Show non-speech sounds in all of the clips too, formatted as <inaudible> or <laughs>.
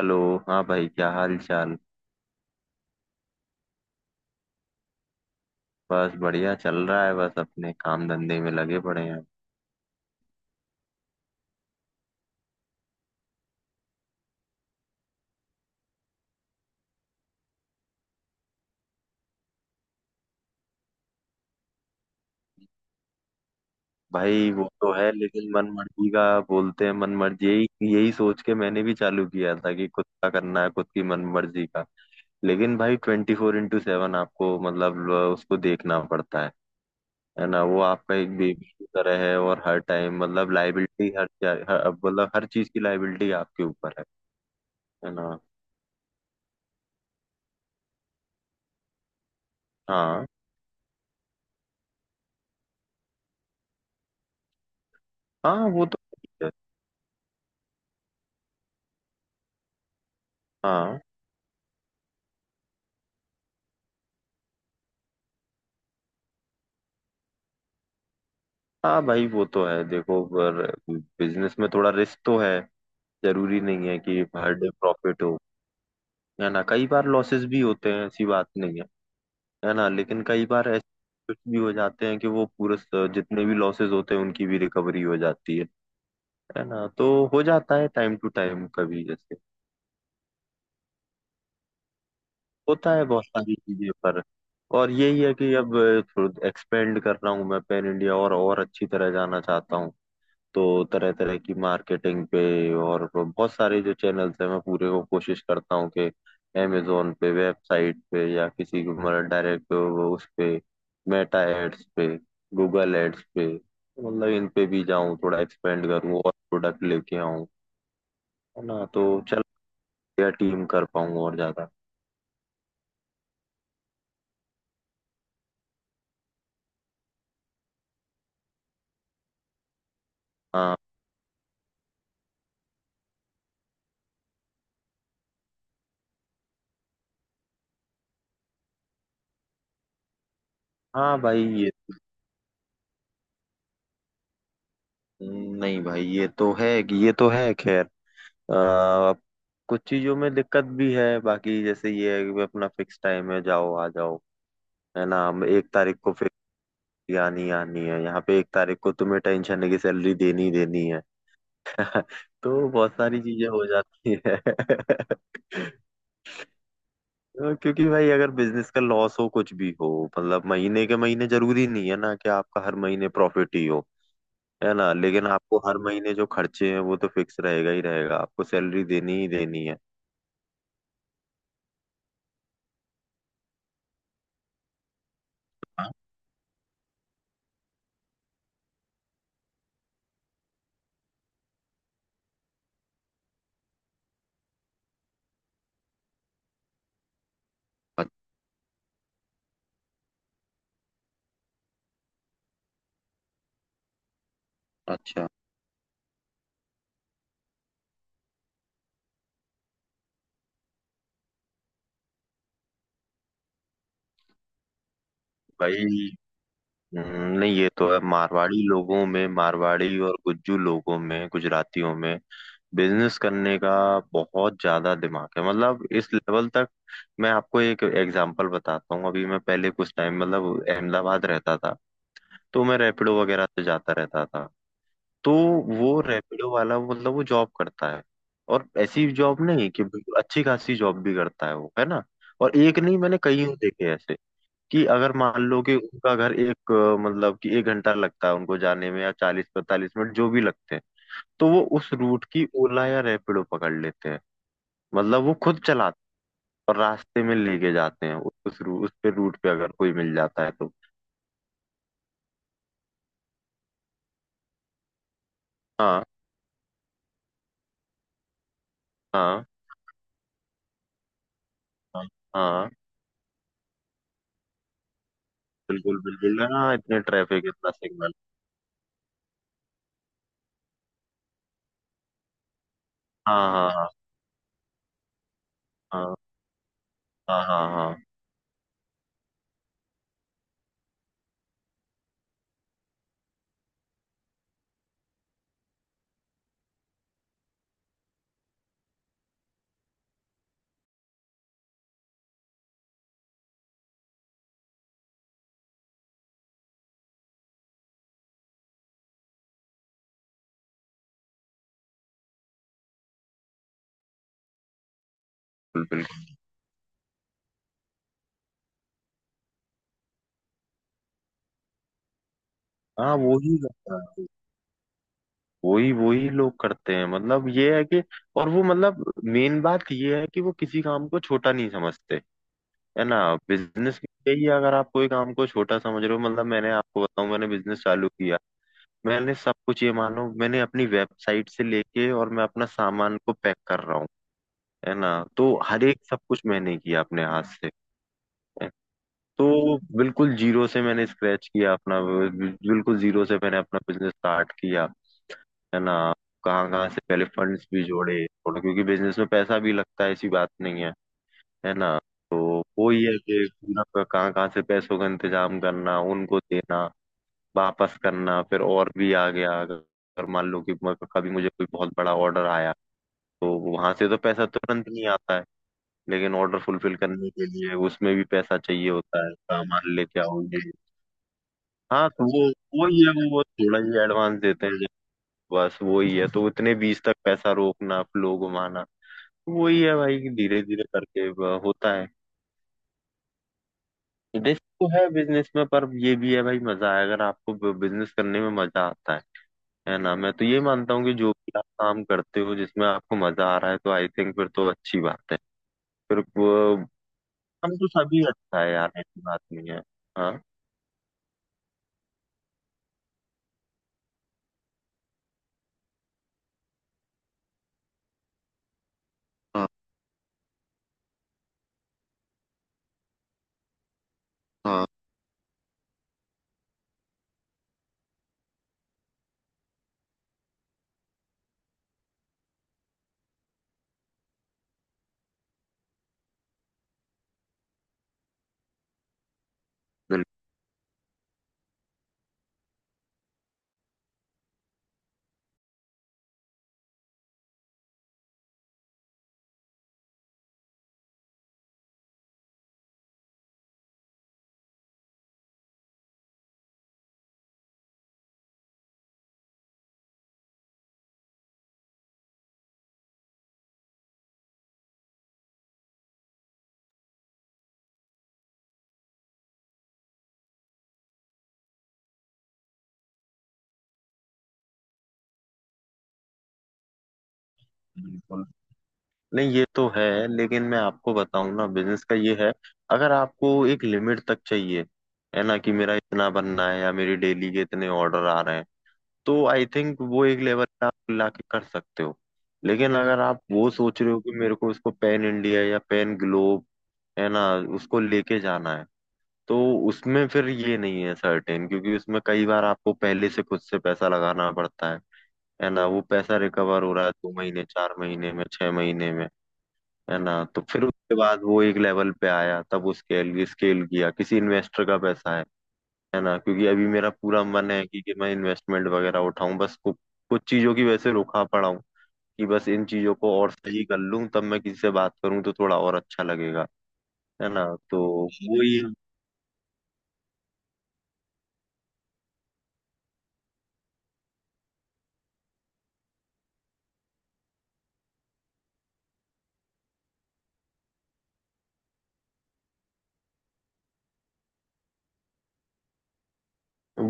Hello. हाँ भाई, क्या हाल चाल? बस बढ़िया चल रहा है, बस अपने काम धंधे में लगे पड़े हैं। भाई वो तो है, लेकिन मन मर्जी का बोलते हैं मन मर्जी, यही यही सोच के मैंने भी चालू किया था कि खुद का करना है, खुद की मन मर्जी का। लेकिन भाई 24x7 आपको मतलब उसको देखना पड़ता है ना। वो आपका एक बेबी की तरह है और हर टाइम मतलब लाइबिलिटी हर चीज की लाइबिलिटी आपके ऊपर है ना। हाँ हाँ, वो तो ठीक है। हाँ हाँ भाई, वो तो है, देखो पर बिजनेस में थोड़ा रिस्क तो है। जरूरी नहीं है कि हर डे प्रॉफिट हो, है ना। कई बार लॉसेस भी होते हैं, ऐसी बात नहीं है, है ना। लेकिन कई बार ऐसे कुछ भी हो जाते हैं कि वो जितने भी लॉसेस होते हैं उनकी भी रिकवरी हो जाती है ना। तो हो जाता है टाइम टू टाइम, कभी जैसे होता है बहुत सारी चीजें, पर और यही है कि अब एक्सपेंड कर रहा हूँ, मैं पैन इंडिया और अच्छी तरह जाना चाहता हूँ, तो तरह तरह की मार्केटिंग पे, और बहुत सारे जो चैनल्स हैं मैं पूरे को कोशिश करता हूँ कि अमेजोन पे, वेबसाइट पे, या किसी को मतलब डायरेक्ट उस पे, मेटा एड्स पे, गूगल एड्स पे मतलब इन पे भी जाऊँ, थोड़ा एक्सपेंड करूँ और प्रोडक्ट लेके आऊँ, है ना। तो चल या टीम कर पाऊँ और ज्यादा। हाँ हाँ भाई ये, नहीं भाई ये तो है कि ये तो है खैर अ, कुछ चीजों में दिक्कत भी है। बाकी जैसे ये है कि अपना फिक्स टाइम है, जाओ आ जाओ, है ना। हम 1 तारीख को फिक्स आनी आनी है यहाँ पे, 1 तारीख को तुम्हें टेंशन है कि सैलरी देनी ही देनी है। तो बहुत सारी चीजें हो जाती है <laughs> तो क्योंकि भाई अगर बिजनेस का लॉस हो, कुछ भी हो, मतलब महीने के महीने, जरूरी नहीं है ना कि आपका हर महीने प्रॉफिट ही हो, है ना। लेकिन आपको हर महीने जो खर्चे हैं वो तो फिक्स रहेगा ही रहेगा, आपको सैलरी देनी ही देनी है। हाँ, अ- अच्छा भाई। नहीं ये तो है, मारवाड़ी लोगों में, मारवाड़ी और गुज्जू लोगों में, गुजरातियों में बिजनेस करने का बहुत ज्यादा दिमाग है। मतलब इस लेवल तक, मैं आपको एक एग्जांपल बताता हूँ। अभी मैं पहले कुछ टाइम मतलब अहमदाबाद रहता था, तो मैं रैपिडो वगैरह से जाता रहता था। तो वो रैपिडो वाला मतलब वो जॉब करता है, और ऐसी जॉब नहीं कि बिल्कुल अच्छी खासी जॉब भी करता है वो, है ना। और एक नहीं, मैंने कई देखे ऐसे कि अगर मान लो कि उनका घर एक मतलब कि 1 घंटा लगता है उनको जाने में, या 40 45 मिनट जो भी लगते हैं, तो वो उस रूट की ओला या रैपिडो पकड़ लेते हैं। मतलब वो खुद चलाते हैं और रास्ते में लेके जाते हैं, उस पे रूट पे अगर कोई मिल जाता है तो। हाँ हाँ हाँ हाँ, बिल्कुल बिल्कुल, हाँ इतने ट्रैफिक, इतना सिग्नल। हाँ हाँ हाँ हाँ हाँ हाँ हाँ, बिल्कुल बिल्कुल। हाँ वो ही रहता है, वही वही लोग करते हैं, मतलब ये है कि और वो मतलब मेन बात ये है कि वो किसी काम को छोटा नहीं समझते, है ना। बिजनेस यही है, अगर आप कोई काम को छोटा समझ रहे हो, मतलब मैंने आपको बताऊं, मैंने बिजनेस चालू किया, मैंने सब कुछ, ये मानो मैंने अपनी वेबसाइट से लेके और मैं अपना सामान को पैक कर रहा हूँ, है ना। तो हर एक सब कुछ मैंने किया अपने हाथ से है। तो बिल्कुल जीरो से मैंने स्क्रैच किया अपना, बिल्कुल जीरो से मैंने अपना बिजनेस स्टार्ट किया, है ना। कहाँ कहाँ से पहले फंड्स भी जोड़े, और क्योंकि बिजनेस में पैसा भी लगता है, ऐसी बात नहीं है, है ना। तो वो ही है कि पूरा कहाँ कहाँ से पैसों का इंतजाम करना, उनको देना, वापस करना, फिर और भी आ गया। अगर अगर मान लो कि कभी मुझे कोई बहुत बड़ा ऑर्डर आया, तो वहां से तो पैसा तुरंत नहीं आता है। लेकिन ऑर्डर फुलफिल करने के लिए उसमें भी पैसा चाहिए होता है, सामान लेके आओगे। हाँ तो वो ही है, वो थोड़ा ही एडवांस देते हैं, बस वही है। तो इतने बीस तक पैसा रोकना, फ्लो घुमाना, वही है भाई कि धीरे धीरे करके होता है। रिस्क तो है बिजनेस में, पर ये भी है भाई, मजा है, अगर आपको बिजनेस करने में मजा आता है ना। मैं तो ये मानता हूँ कि जो भी आप काम करते हो जिसमें आपको मजा आ रहा है, तो आई थिंक फिर तो अच्छी बात है। फिर वो हम तो सभी अच्छा है यार, ऐसी बात नहीं है। हाँ हाँ हाँ बिल्कुल। नहीं ये तो है। लेकिन मैं आपको बताऊं ना, बिजनेस का ये है, अगर आपको एक लिमिट तक चाहिए, है ना, कि मेरा इतना बनना है या मेरी डेली के इतने ऑर्डर आ रहे हैं, तो आई थिंक वो एक लेवल पे आप लाके कर सकते हो। लेकिन अगर आप वो सोच रहे हो कि मेरे को इसको पैन इंडिया या पैन ग्लोब, है ना, उसको लेके जाना है, तो उसमें फिर ये नहीं है सर्टेन, क्योंकि उसमें कई बार आपको पहले से खुद से पैसा लगाना पड़ता है ना। वो पैसा रिकवर हो रहा है 2 महीने, 4 महीने में, 6 महीने में, है ना। तो फिर उसके बाद वो एक लेवल पे आया, तब उसके लिए स्केल किया, किसी इन्वेस्टर का पैसा है ना। क्योंकि अभी मेरा पूरा मन है कि मैं इन्वेस्टमेंट वगैरह उठाऊं, बस कुछ चीजों की वजह से रुका पड़ा हूं, कि बस इन चीजों को और सही कर लूं तब मैं किसी से बात करूं तो थोड़ा और अच्छा लगेगा, है ना। तो ही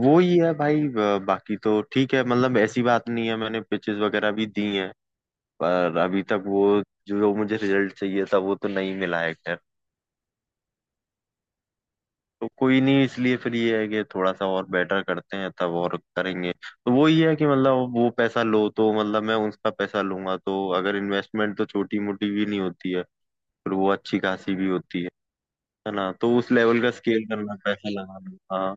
वो ही है भाई। बाकी तो ठीक है, मतलब ऐसी बात नहीं है, मैंने पिचेस वगैरह भी दी हैं, पर अभी तक वो जो जो मुझे रिजल्ट चाहिए था वो तो नहीं मिला है। तो कोई नहीं, इसलिए फिर ये है कि थोड़ा सा और बेटर करते हैं तब और करेंगे। तो वो ये है कि मतलब वो पैसा लो, तो मतलब मैं उसका पैसा लूंगा तो अगर इन्वेस्टमेंट, तो छोटी मोटी भी नहीं होती है, फिर वो अच्छी खासी भी होती है ना। तो उस लेवल का स्केल करना, पैसा लगाना, हाँ।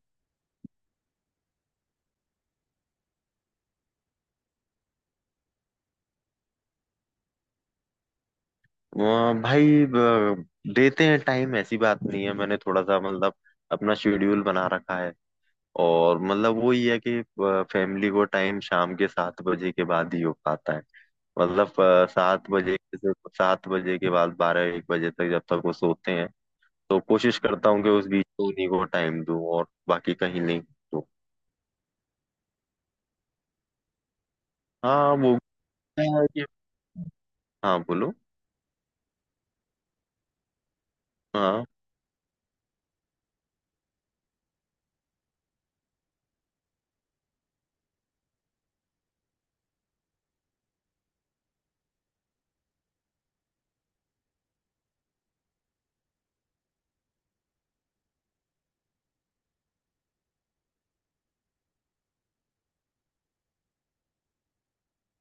वहाँ भाई देते हैं टाइम, ऐसी बात नहीं है, मैंने थोड़ा सा मतलब अपना शेड्यूल बना रखा है, और मतलब वो ये है कि फैमिली को टाइम शाम के 7 बजे के बाद ही हो पाता है। मतलब 7 बजे से, 7 बजे के बाद 12 1 बजे तक जब तक वो सोते हैं, तो कोशिश करता हूँ कि उस बीच में उन्हीं को टाइम दूँ, और बाकी कहीं नहीं तो। हाँ वो क्या है कि, हाँ बोलो। हाँ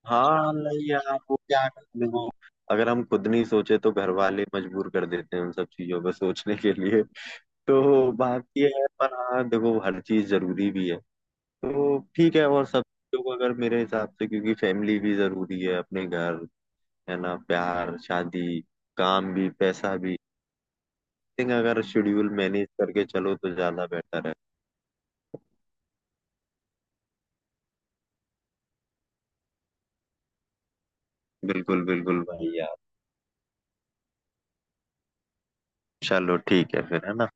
हाँ, नहीं यार, वो क्या करते हैं, वो अगर हम खुद नहीं सोचे तो घर वाले मजबूर कर देते हैं उन सब चीजों पर सोचने के लिए। तो बात ये है, पर हाँ देखो, हर चीज जरूरी भी है, तो ठीक है। और सब लोग अगर मेरे हिसाब से, क्योंकि फैमिली भी जरूरी है, अपने घर, है ना, प्यार, शादी, काम भी, पैसा भी, I think अगर शेड्यूल मैनेज करके चलो तो ज्यादा बेटर है। बिल्कुल बिल्कुल भाई यार। चलो ठीक है फिर, है ना।